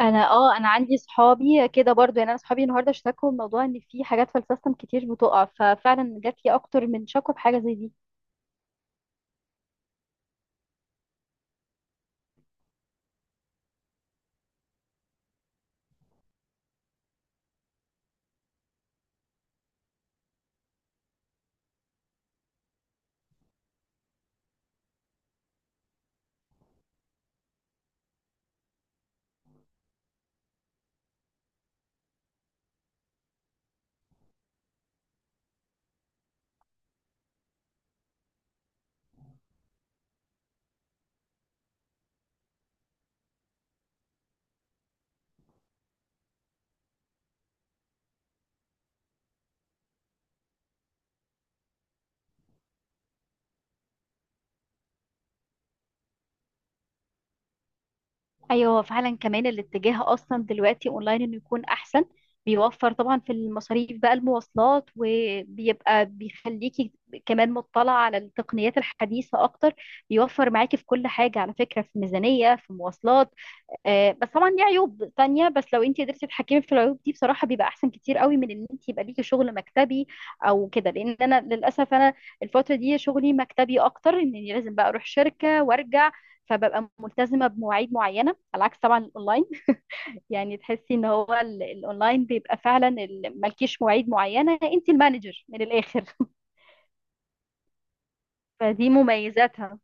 انا انا عندي صحابي كده برضو يعني انا صحابي النهارده اشتكوا موضوع ان في حاجات في السيستم كتير بتقع، ففعلا جات لي اكتر من شكوى بحاجه زي دي. ايوه فعلا، كمان الاتجاه اصلا دلوقتي اونلاين انه يكون احسن. بيوفر طبعا في المصاريف بقى المواصلات، وبيبقى بيخليكي كمان مطلعه على التقنيات الحديثه اكتر. بيوفر معاكي في كل حاجه على فكره، في ميزانيه، في مواصلات. بس طبعا ليه عيوب تانية، بس لو انت قدرتي تتحكمي في العيوب دي بصراحة بيبقى احسن كتير قوي من ان انت يبقى ليكي شغل مكتبي او كده. لان انا للاسف انا الفترة دي شغلي مكتبي اكتر، اني لازم بقى اروح شركة وارجع، فببقى ملتزمة بمواعيد معينة على عكس طبعا الاونلاين. يعني تحسي ان هو الاونلاين بيبقى فعلا مالكيش مواعيد معينة، انت المانجر من الاخر. فدي مميزاتها.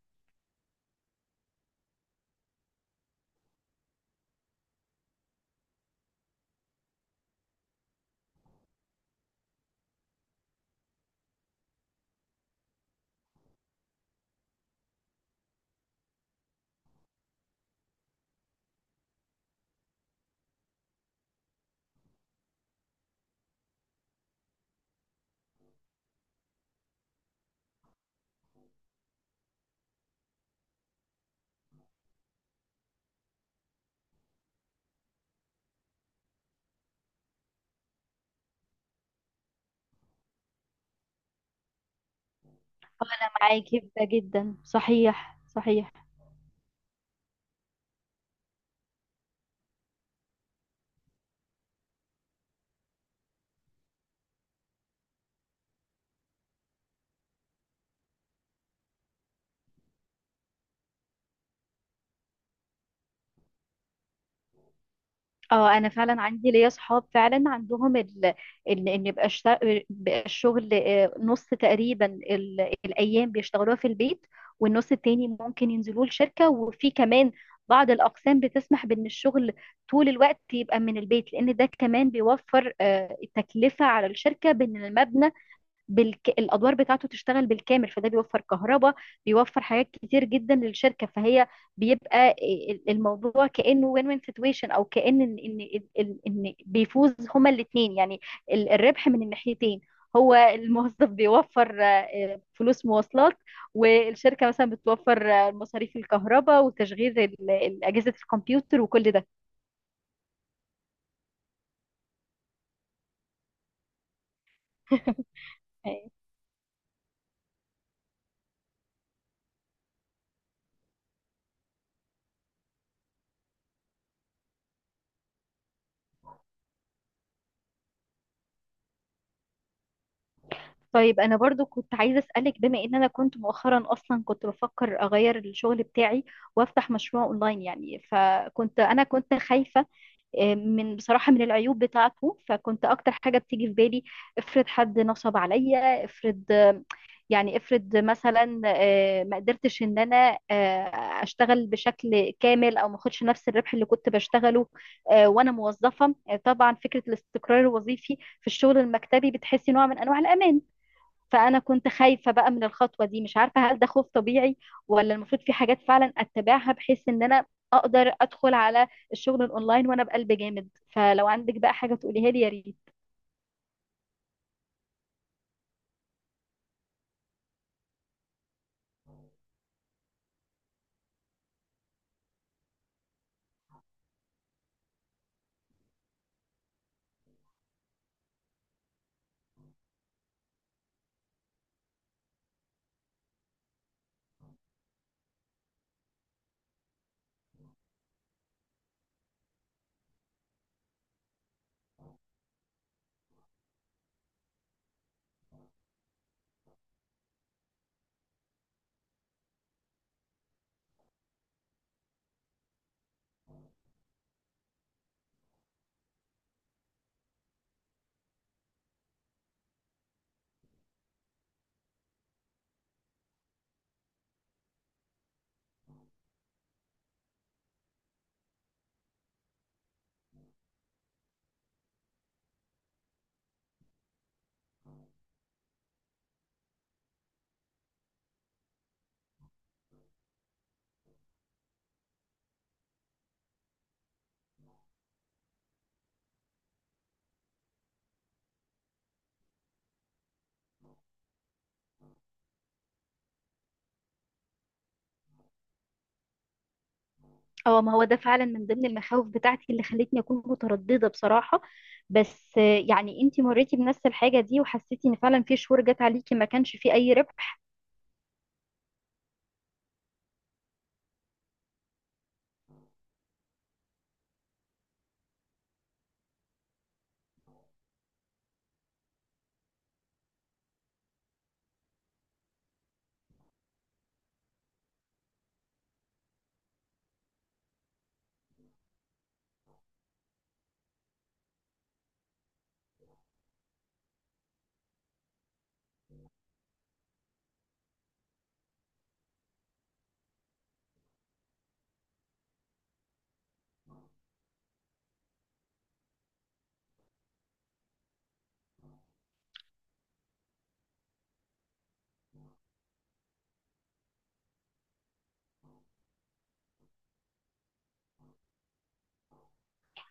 أنا معاكي في ده جدا، صحيح صحيح. اه انا فعلا عندي ليا صحاب فعلا عندهم ان يبقى بقى الشغل نص تقريبا الايام بيشتغلوها في البيت، والنص التاني ممكن ينزلوا الشركه. وفي كمان بعض الاقسام بتسمح بان الشغل طول الوقت يبقى من البيت، لان ده كمان بيوفر التكلفه على الشركه، بان المبنى الادوار بتاعته تشتغل بالكامل، فده بيوفر كهرباء، بيوفر حاجات كتير جدا للشركه. فهي بيبقى الموضوع كانه وين وين سيتويشن، او كان ان ان ان إن بيفوز هما الاثنين يعني، الربح من الناحيتين. هو الموظف بيوفر فلوس مواصلات، والشركه مثلا بتوفر مصاريف الكهرباء وتشغيل اجهزه الكمبيوتر وكل ده. طيب انا برضو كنت عايزه اسالك، بما ان انا كنت مؤخرا اصلا كنت بفكر اغير الشغل بتاعي وافتح مشروع اونلاين يعني. فكنت انا كنت خايفه من بصراحه من العيوب بتاعته. فكنت اكتر حاجه بتيجي في بالي، افرض حد نصب عليا، افرض يعني افرض مثلا ما قدرتش ان انا اشتغل بشكل كامل، او ما اخدش نفس الربح اللي كنت بشتغله وانا موظفه. طبعا فكره الاستقرار الوظيفي في الشغل المكتبي بتحسي نوع من انواع الامان. فانا كنت خايفه بقى من الخطوه دي، مش عارفه هل ده خوف طبيعي، ولا المفروض في حاجات فعلا اتبعها بحيث ان انا اقدر ادخل على الشغل الاونلاين وانا بقلب جامد. فلو عندك بقى حاجه تقوليها لي يا ريت. اه، ما هو ده فعلا من ضمن المخاوف بتاعتي اللي خلتني اكون متردده بصراحه. بس يعني انتي مريتي بنفس الحاجه دي؟ وحسيتي ان فعلا في شهور جت عليكي ما كانش في اي ربح؟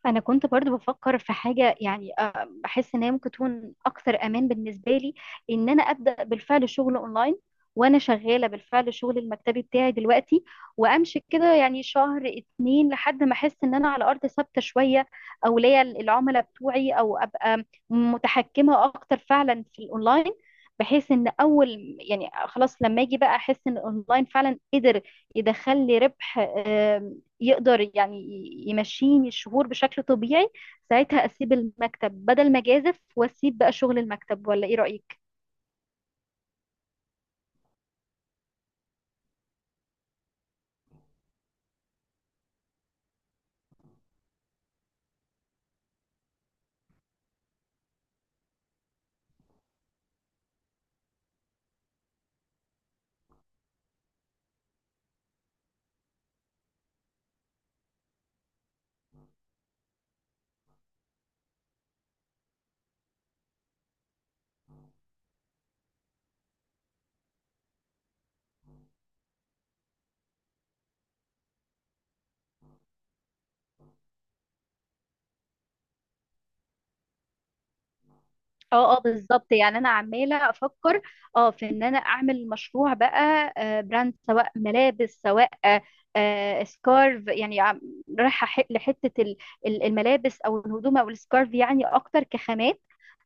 انا كنت برضو بفكر في حاجه يعني، بحس ان هي ممكن تكون اكثر امان بالنسبه لي، ان انا ابدا بالفعل شغل اونلاين وانا شغاله بالفعل الشغل المكتبي بتاعي دلوقتي، وامشي كده يعني شهر اتنين لحد ما احس ان انا على ارض ثابته شويه، او ليا العملاء بتوعي، او ابقى متحكمه اكتر فعلا في الاونلاين. بحيث ان اول يعني خلاص لما اجي بقى احس ان الاونلاين فعلا قدر يدخل لي ربح، آه، يقدر يعني يمشيني الشهور بشكل طبيعي، ساعتها اسيب المكتب، بدل ما اجازف واسيب بقى شغل المكتب. ولا ايه رأيك؟ اه اه بالظبط، يعني انا عمالة افكر اه في ان انا اعمل مشروع بقى براند، سواء ملابس، سواء سكارف. يعني لحتة الملابس او الهدوم او السكارف يعني اكتر كخامات.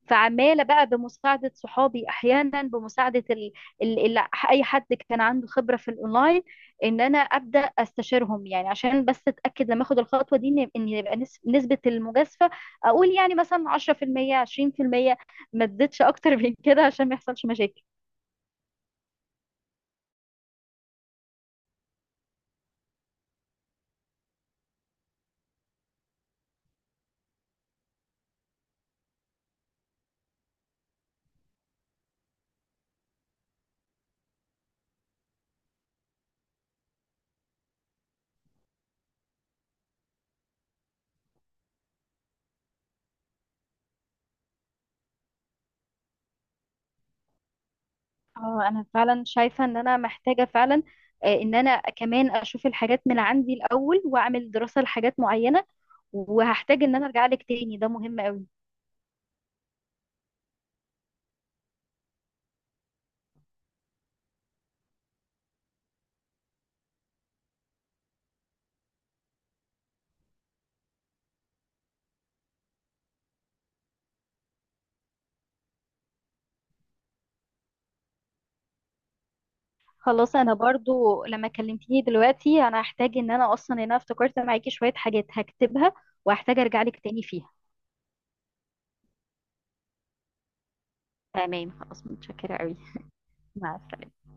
فعماله بقى بمساعده صحابي احيانا بمساعده ال... ال... اي حد كان عنده خبره في الاونلاين، ان انا ابدا استشيرهم يعني، عشان بس اتاكد لما اخد الخطوه دي ان إن يبقى نسبه المجازفه اقول يعني مثلا 10% 20%، ما تزيدش اكتر من كده عشان ما يحصلش مشاكل. اه انا فعلا شايفه ان انا محتاجه فعلا، ان انا كمان اشوف الحاجات من عندي الاول واعمل دراسه لحاجات معينه. وهحتاج ان انا ارجع لك تاني، ده مهم قوي. خلاص انا برضو لما كلمتيني دلوقتي انا هحتاج ان انا اصلا ان انا افتكرت معاكي شوية حاجات هكتبها، وهحتاج ارجع لك تاني فيها. تمام خلاص، متشكرة قوي. مع السلامة.